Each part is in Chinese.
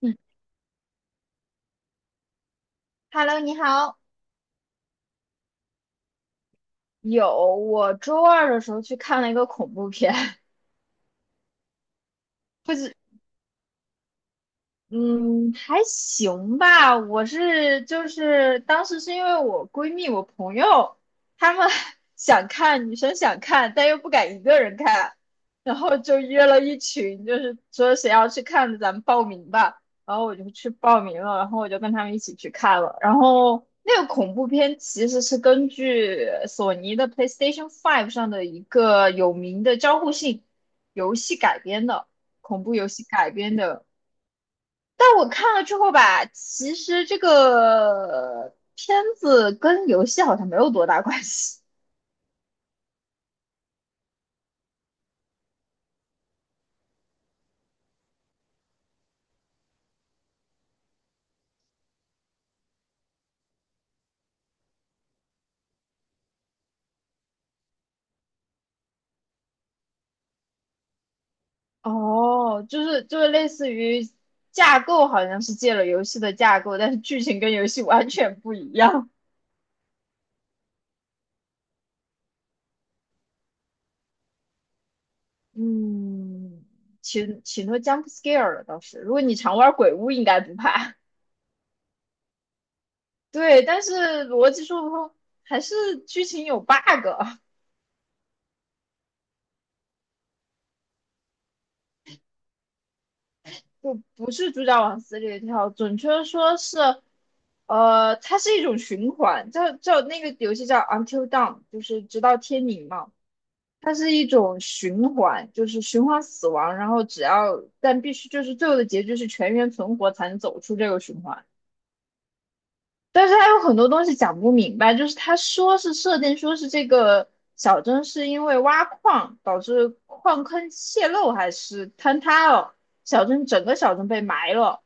嗯 Hello，你好。有，我周二的时候去看了一个恐怖片，不是，嗯，还行吧。我是就是当时是因为我闺蜜、我朋友他们 想看，女生想看，但又不敢一个人看，然后就约了一群，就是说谁要去看的咱们报名吧。然后我就去报名了，然后我就跟他们一起去看了。然后那个恐怖片其实是根据索尼的 PlayStation 5上的一个有名的交互性游戏改编的，恐怖游戏改编的。但我看了之后吧，其实这个片子跟游戏好像没有多大关系。哦，就是类似于架构，好像是借了游戏的架构，但是剧情跟游戏完全不一样。嗯，挺多 jump scare 的倒是，如果你常玩鬼屋，应该不怕。对，但是逻辑说不通，还是剧情有 bug,就不是主角往死里跳，准确地说是，它是一种循环，叫那个游戏叫 Until Dawn,就是直到天明嘛。它是一种循环，就是循环死亡，然后只要但必须就是最后的结局是全员存活才能走出这个循环。但是他有很多东西讲不明白，就是他说是设定说是这个小镇是因为挖矿导致矿坑泄漏还是坍塌了，小镇整个小镇被埋了，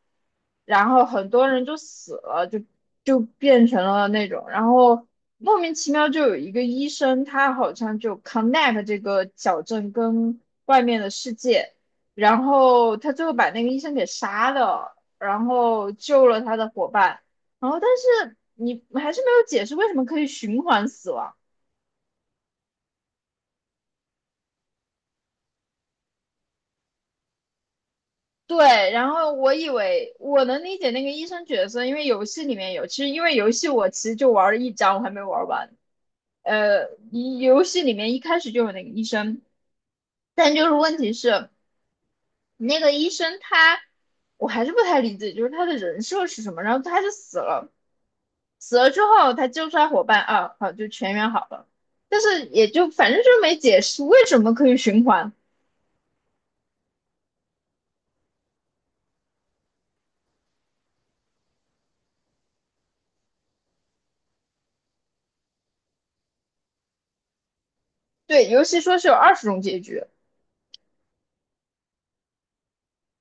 然后很多人就死了，就变成了那种，然后莫名其妙就有一个医生，他好像就 connect 这个小镇跟外面的世界，然后他最后把那个医生给杀了，然后救了他的伙伴。然后但是你还是没有解释为什么可以循环死亡。对，然后我以为我能理解那个医生角色，因为游戏里面有，其实因为游戏我其实就玩了一章，我还没玩完。游戏里面一开始就有那个医生，但就是问题是那个医生他，我还是不太理解，就是他的人设是什么。然后他就死了，死了之后他救出来伙伴啊，好就全员好了，但是也就反正就是没解释为什么可以循环。对，游戏说是有20种结局，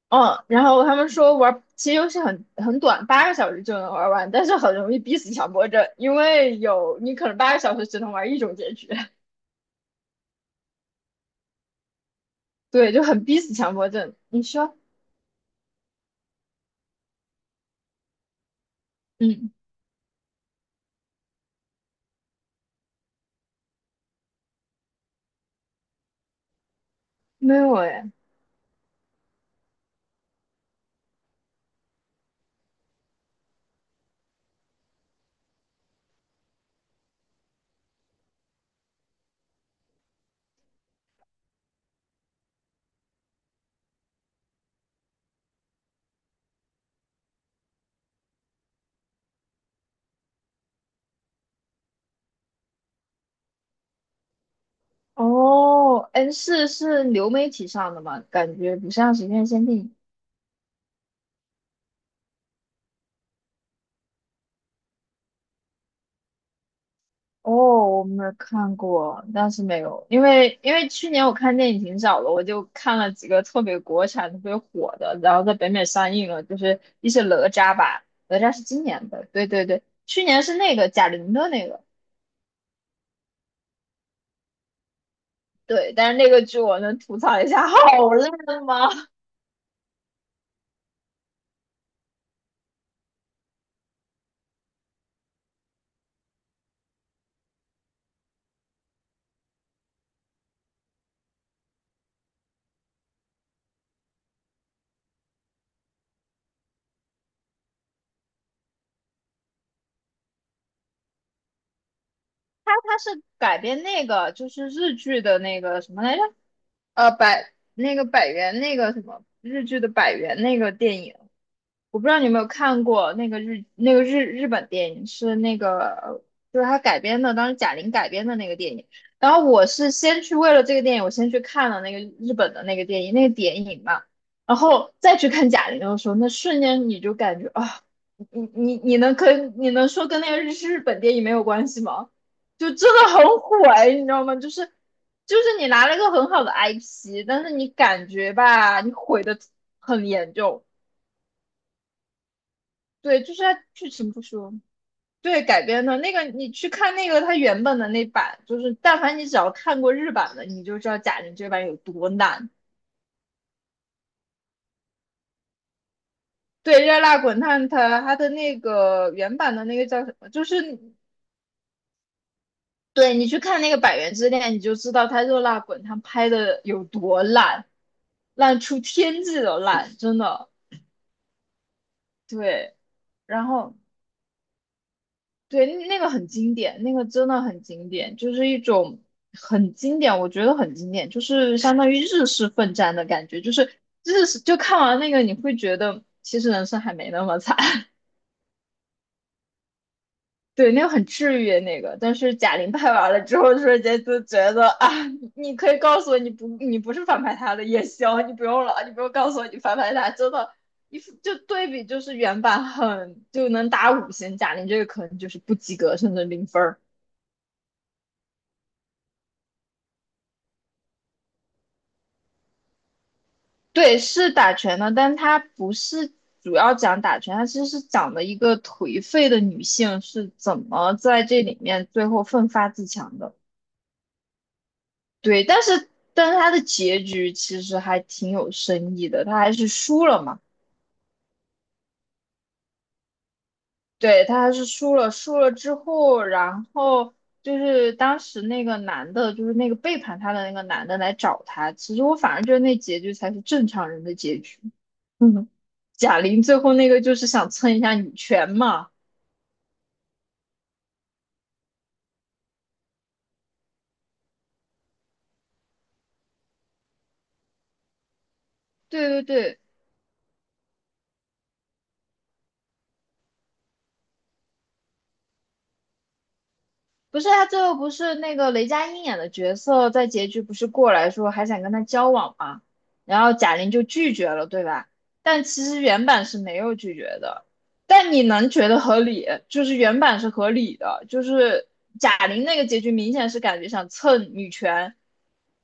嗯，然后他们说玩，其实游戏很短，八个小时就能玩完，但是很容易逼死强迫症，因为有你可能八个小时只能玩一种结局，对，就很逼死强迫症。你说，嗯，没有哎，哦，N4是流媒体上的吗？感觉不像是院限定。哦，我没有看过，但是没有，因为去年我看电影挺少的，我就看了几个特别国产、特别火的，然后在北美上映了，就是一些哪吒吧，哪吒是今年的，对对对，去年是那个贾玲的那个，对，但是那个剧我能吐槽一下，好烂吗？它是改编那个就是日剧的那个什么来着？百那个百元那个什么日剧的百元那个电影，我不知道你有没有看过那个日本电影是那个就是他改编的，当时贾玲改编的那个电影。然后我是先去为了这个电影，我先去看了那个日本的那个电影嘛，然后再去看贾玲的时候，那瞬间你就感觉啊，你能跟你能说跟那个日本电影没有关系吗？就真的很火哎，你知道吗？就是。就是你拿了一个很好的 IP,但是你感觉吧，你毁的很严重。对，就是它剧情不说，对改编的那个，你去看那个他原本的那版，就是但凡你只要看过日版的，你就知道贾玲这版有多烂。对，《热辣滚烫》他的那个原版的那个叫什么？就是对你去看那个《百元之恋》，你就知道他《热辣滚烫》拍的有多烂，烂出天际的烂，真的。对，然后。对，那个很经典，那个真的很经典，就是一种很经典，我觉得很经典，就是相当于日式奋战的感觉，就是日式就看完那个你会觉得其实人生还没那么惨，对，那个很治愈那个，但是贾玲拍完了之后，瞬间就觉得啊，你可以告诉我你不是反派他的也行，你不用了，你不用告诉我你反派他，真的，一就对比就是原版很就能打五星，贾玲这个可能就是不及格甚至零分儿。对，是打拳的，但她不是主要讲打拳，她其实是讲的一个颓废的女性是怎么在这里面最后奋发自强的。对，但是她的结局其实还挺有深意的，她还是输了嘛。对，她还是输了，输了之后，然后就是当时那个男的，就是那个背叛她的那个男的来找她。其实我反而觉得那结局才是正常人的结局。嗯，贾玲最后那个就是想蹭一下女权嘛。对对对，不是他最后不是那个雷佳音演的角色，在结局不是过来说还想跟他交往吗？然后贾玲就拒绝了，对吧？但其实原版是没有拒绝的，但你能觉得合理，就是原版是合理的，就是贾玲那个结局明显是感觉想蹭女权，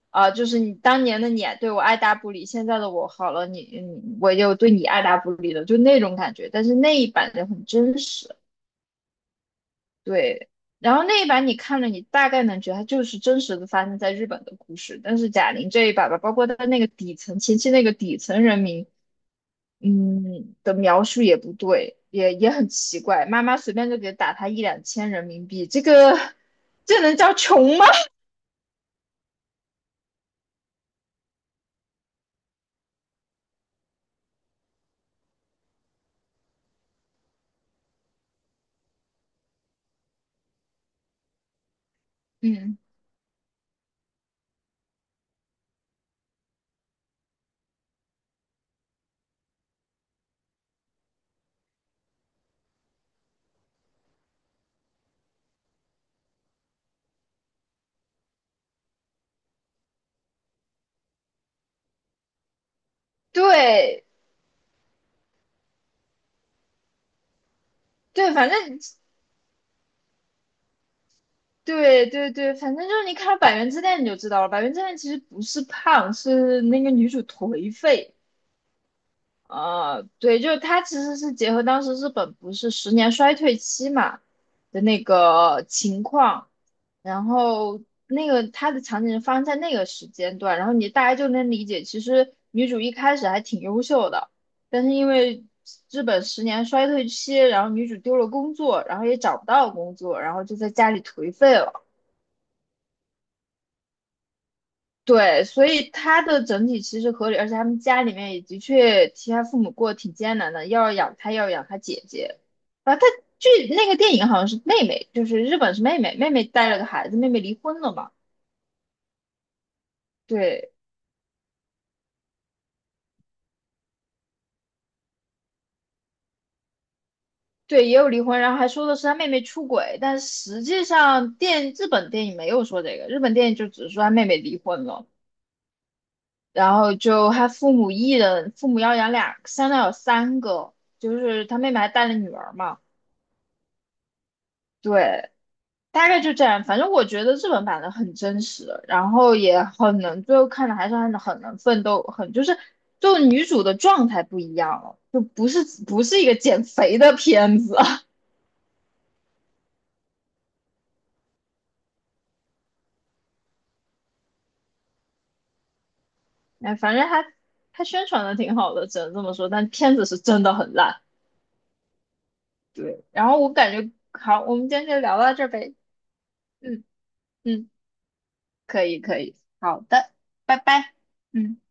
啊、就是你当年的你对我爱答不理，现在的我好了，你我又对你爱答不理的，就那种感觉。但是那一版就很真实。对，然后那一版你看了，你大概能觉得它就是真实的发生在日本的故事，但是贾玲这一版吧，包括她那个底层前期那个底层人民，的描述也不对，也很奇怪，妈妈随便就给打他一两千人民币，这能叫穷吗？嗯，对对，反正对对对，反正就是你看了《百元之恋》你就知道了，《百元之恋》其实不是胖，是那个女主颓废。对，就是它其实是结合当时日本不是十年衰退期嘛的那个情况，然后那个它的场景是发生在那个时间段，然后大家就能理解，其实女主一开始还挺优秀的，但是因为日本十年衰退期，然后女主丢了工作，然后也找不到工作，然后就在家里颓废了。对，所以它的整体其实合理，而且他们家里面也的确其他父母过得挺艰难的，要养他，要养他姐姐。啊，据那个电影好像是妹妹，就是日本是妹妹，妹妹带了个孩子，妹妹离婚了嘛？对对，也有离婚，然后还说的是他妹妹出轨，但实际上日本电影没有说这个，日本电影就只是说他妹妹离婚了，然后就他父母一人，父母要养俩，相当于有三个，就是他妹妹还带了女儿嘛。对，大概就这样，反正我觉得日本版的很真实，然后也很能，最后看的还是很能奋斗，很就是就女主的状态不一样了，就不是一个减肥的片子，哎，反正它宣传的挺好的，只能这么说，但片子是真的很烂。对，然后我感觉好，我们今天就聊到这儿呗，嗯嗯，可以可以，好的，拜拜，嗯。